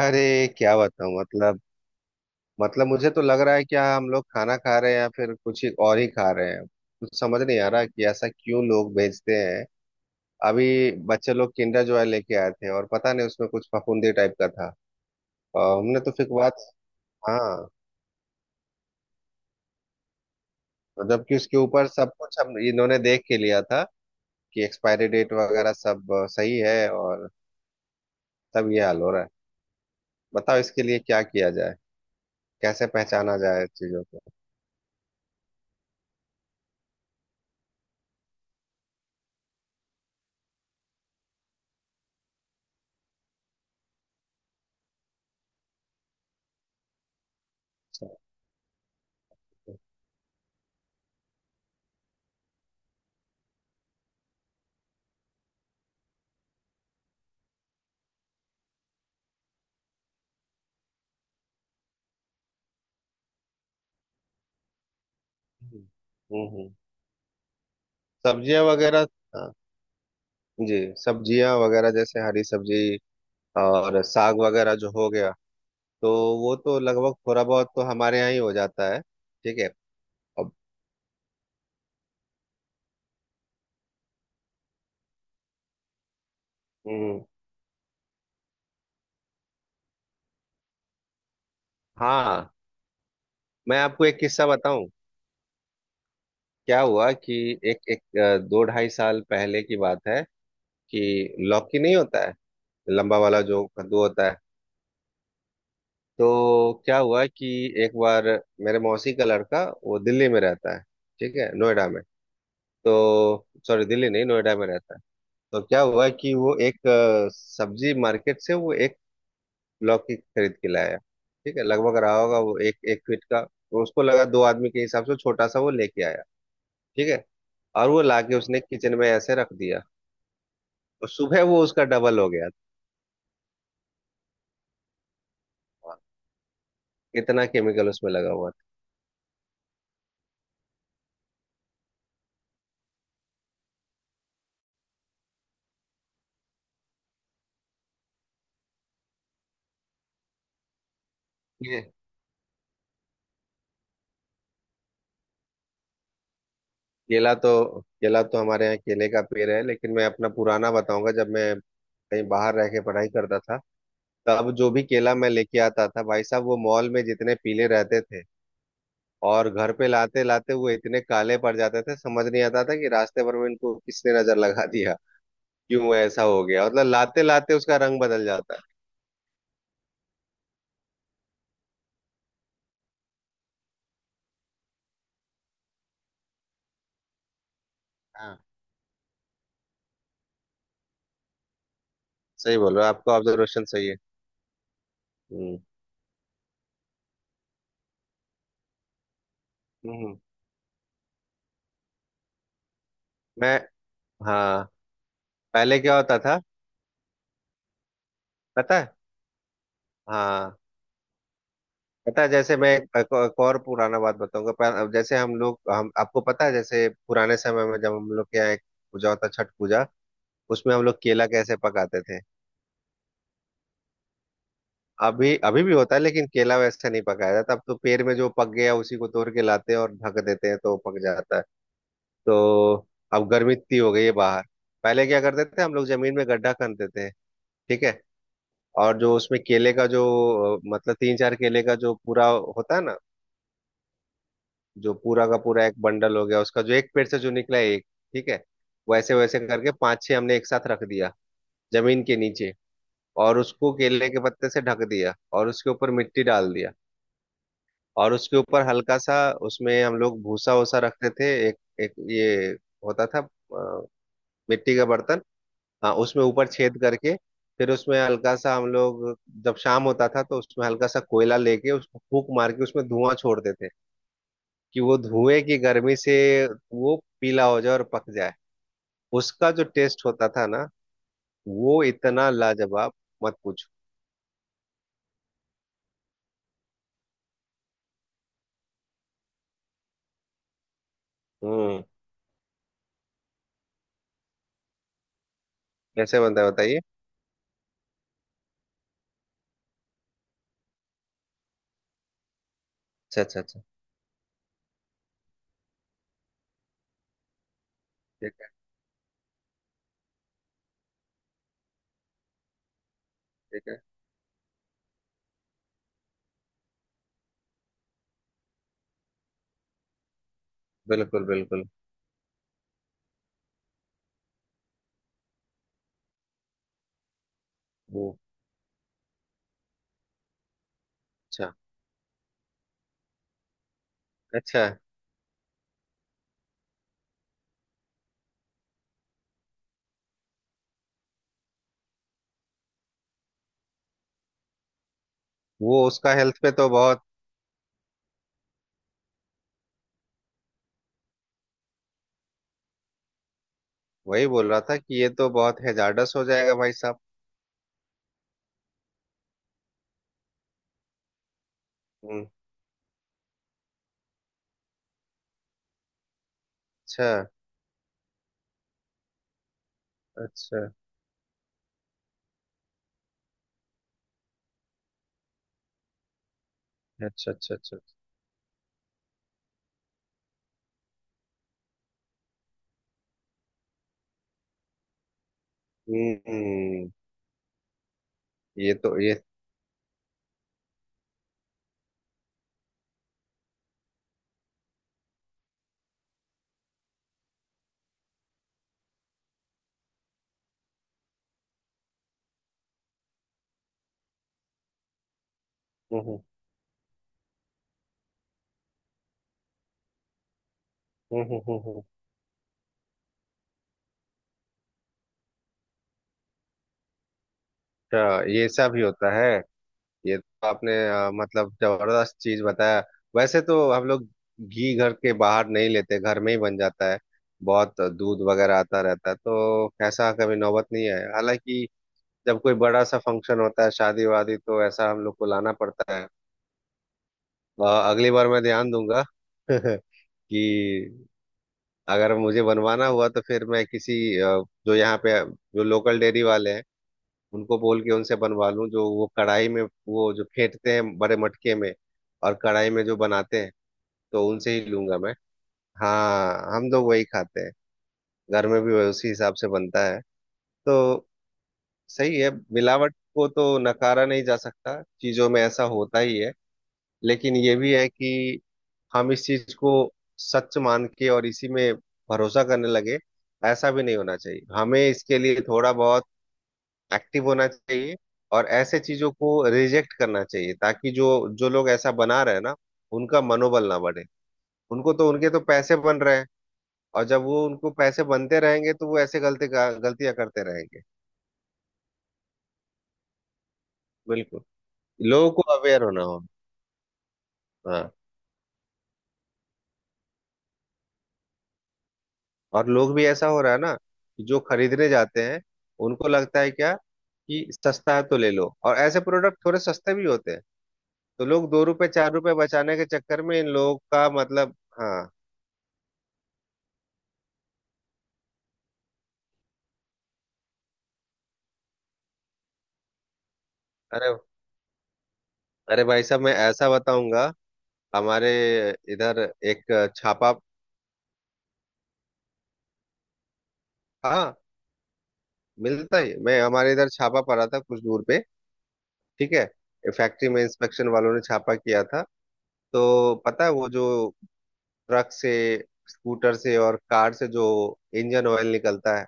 अरे। क्या बताऊं, मतलब मुझे तो लग रहा है कि हाँ, हम लोग खाना खा रहे हैं या फिर कुछ ही और ही खा रहे हैं, कुछ समझ नहीं आ रहा कि ऐसा क्यों लोग भेजते हैं। अभी बच्चे लोग किंडर जॉय लेके आए थे और पता नहीं उसमें कुछ फफूंदी टाइप का था। और हमने तो फिर बात, हाँ, जबकि उसके ऊपर सब कुछ हम इन्होंने देख के लिया था कि एक्सपायरी डेट वगैरह सब सही है, और तब ये हाल हो रहा है। बताओ इसके लिए क्या किया जाए, कैसे पहचाना जाए चीजों को। अच्छा, तो, हम्म, सब्जियां वगैरह, हाँ, जी। सब्जियां वगैरह जैसे हरी सब्जी और साग वगैरह जो हो गया, तो वो तो लगभग थोड़ा बहुत तो हमारे यहाँ ही हो जाता है, ठीक है। अब हम्म, हाँ, मैं आपको एक किस्सा बताऊं। क्या हुआ कि एक एक अ, दो ढाई साल पहले की बात है कि लौकी नहीं होता है, लंबा वाला जो कद्दू होता है। तो क्या हुआ कि एक बार मेरे मौसी का लड़का, वो दिल्ली में रहता है, ठीक है, नोएडा में, तो सॉरी दिल्ली नहीं नोएडा में रहता है। तो क्या हुआ कि वो एक सब्जी मार्केट से वो एक लौकी खरीद के लाया। ठीक है, लगभग रहा होगा वो एक एक फीट का, तो उसको लगा दो आदमी के हिसाब से छोटा सा, वो लेके आया, ठीक है। और वो लाके उसने किचन में ऐसे रख दिया, तो सुबह वो उसका डबल हो गया था। इतना केमिकल उसमें लगा हुआ था। ये केला तो केला तो हमारे यहाँ केले का पेड़ है, लेकिन मैं अपना पुराना बताऊंगा जब मैं कहीं बाहर रह के पढ़ाई करता था। तब जो भी केला मैं लेके आता था, भाई साहब, वो मॉल में जितने पीले रहते थे, और घर पे लाते लाते वो इतने काले पड़ जाते थे, समझ नहीं आता था कि रास्ते भर में इनको किसने नजर लगा दिया, क्यों ऐसा हो गया। मतलब लाते लाते उसका रंग बदल जाता है। हाँ, सही बोल रहे हो, आपका ऑब्जर्वेशन सही है। हम्म हम्म। मैं, हाँ, पहले क्या होता था, पता है। हाँ, पता है, जैसे मैं एक और पुराना बात बताऊंगा, जैसे हम आपको पता है, जैसे पुराने समय में जब हम लोग के यहाँ एक पूजा होता, छठ पूजा, उसमें हम लोग केला कैसे पकाते थे। अभी अभी भी होता है, लेकिन केला वैसे नहीं पकाया जाता, अब तो पेड़ में जो पक गया उसी को तोड़ के लाते हैं और ढक देते हैं तो वो पक जाता है। तो अब गर्मी इतनी हो गई है बाहर। पहले क्या करते थे हम लोग, जमीन में गड्ढा खन देते हैं, ठीक है। और जो उसमें केले का जो मतलब तीन चार केले का जो पूरा होता है ना, जो पूरा का पूरा एक बंडल हो गया, उसका जो एक पेड़ से जो निकला है एक, ठीक है, वैसे वैसे करके पांच छह हमने एक साथ रख दिया, जमीन के नीचे। और उसको केले के पत्ते से ढक दिया, और उसके ऊपर मिट्टी डाल दिया, और उसके ऊपर हल्का सा, उसमें हम लोग भूसा वूसा रखते थे, एक एक ये होता था, मिट्टी का बर्तन, हाँ, उसमें ऊपर छेद करके, फिर उसमें हल्का सा हम लोग, जब शाम होता था तो उसमें हल्का सा कोयला लेके उसको फूक मार के उसमें धुआं छोड़ते थे, कि वो धुएं की गर्मी से वो पीला हो जाए और पक जाए। उसका जो टेस्ट होता था ना, वो इतना लाजवाब, मत पूछो। हम्म, कैसे बनता है, बताइए। अच्छा, अच्छा, अच्छा, ठीक है, ठीक है, बिल्कुल बिल्कुल। हम्म, अच्छा, अच्छा, वो उसका हेल्थ पे तो बहुत, वही बोल रहा था कि ये तो बहुत हैजार्डस हो जाएगा, भाई साहब। हम्म, अच्छा, अच्छा, अच्छा, अच्छा, अच्छा, अच्छा। हम्म, ये तो ये, हम्म हम्म हम्म, अच्छा, ये सब ही होता है। ये तो आपने मतलब जबरदस्त चीज बताया। वैसे तो हम लोग घी घर के बाहर नहीं लेते, घर में ही बन जाता है, बहुत दूध वगैरह आता रहता है, तो ऐसा कभी नौबत नहीं आया। हालांकि जब कोई बड़ा सा फंक्शन होता है, शादी वादी, तो ऐसा हम लोग को लाना पड़ता है। अ, अगली बार मैं ध्यान दूंगा कि अगर मुझे बनवाना हुआ तो फिर मैं किसी जो यहाँ पे जो लोकल डेयरी वाले हैं, उनको बोल के उनसे बनवा लूँ, जो वो कढ़ाई में वो जो फेंटते हैं बड़े मटके में, और कढ़ाई में जो बनाते हैं, तो उनसे ही लूंगा मैं। हाँ, हम लोग वही खाते हैं, घर में भी वही उसी हिसाब से बनता है। तो सही है, मिलावट को तो नकारा नहीं जा सकता, चीजों में ऐसा होता ही है। लेकिन ये भी है कि हम इस चीज को सच मान के और इसी में भरोसा करने लगे, ऐसा भी नहीं होना चाहिए। हमें इसके लिए थोड़ा बहुत एक्टिव होना चाहिए, और ऐसे चीजों को रिजेक्ट करना चाहिए, ताकि जो जो लोग ऐसा बना रहे हैं ना, उनका मनोबल ना बढ़े। उनको तो, उनके तो पैसे बन रहे हैं, और जब वो उनको पैसे बनते रहेंगे तो वो ऐसे गलती गलतियां करते रहेंगे। बिल्कुल, लोगों को अवेयर होना हो। हाँ, और लोग भी ऐसा हो रहा है ना कि जो खरीदने जाते हैं, उनको लगता है क्या कि सस्ता है तो ले लो, और ऐसे प्रोडक्ट थोड़े सस्ते भी होते हैं, तो लोग दो रुपए चार रुपए बचाने के चक्कर में इन लोगों का, मतलब, हाँ। अरे, अरे भाई साहब मैं ऐसा बताऊंगा। हमारे इधर एक छापा, हाँ, मिलता ही, मैं हमारे इधर छापा पड़ा था कुछ दूर पे, ठीक है, फैक्ट्री में इंस्पेक्शन वालों ने छापा किया था। तो पता है, वो जो ट्रक से, स्कूटर से और कार से जो इंजन ऑयल निकलता है,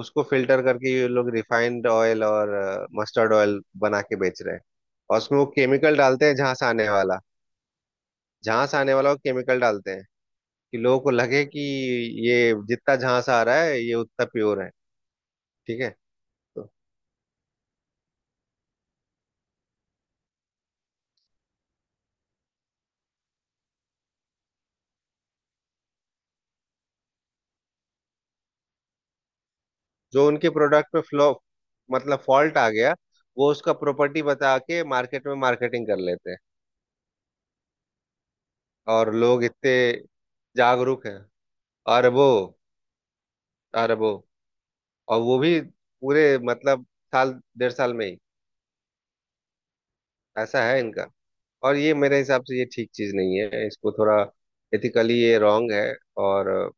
उसको फिल्टर करके ये लोग रिफाइंड ऑयल और मस्टर्ड ऑयल बना के बेच रहे हैं। और उसमें वो केमिकल डालते हैं झांस आने वाला, झांस आने वाला वो केमिकल डालते हैं, कि लोगों को लगे कि ये जितना झांस आ रहा है ये उतना प्योर है। ठीक है। तो जो उनके प्रोडक्ट पे फ्लॉ, मतलब फॉल्ट आ गया, वो उसका प्रॉपर्टी बता के मार्केट में मार्केटिंग कर लेते हैं। और लोग इतने जागरूक हैं। अरबों, अरबों, और वो भी पूरे, मतलब, साल 1.5 साल में ही ऐसा है इनका। और ये मेरे हिसाब से ये ठीक चीज नहीं है, इसको थोड़ा एथिकली ये रॉन्ग है। और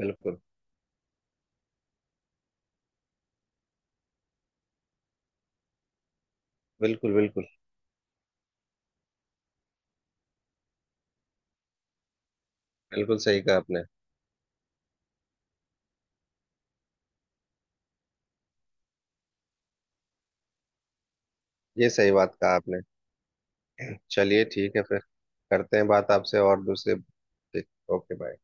बिल्कुल बिल्कुल, बिल्कुल बिल्कुल सही कहा आपने, ये सही बात कहा आपने। चलिए, ठीक है फिर, करते हैं बात आपसे और दूसरे, ओके बाय।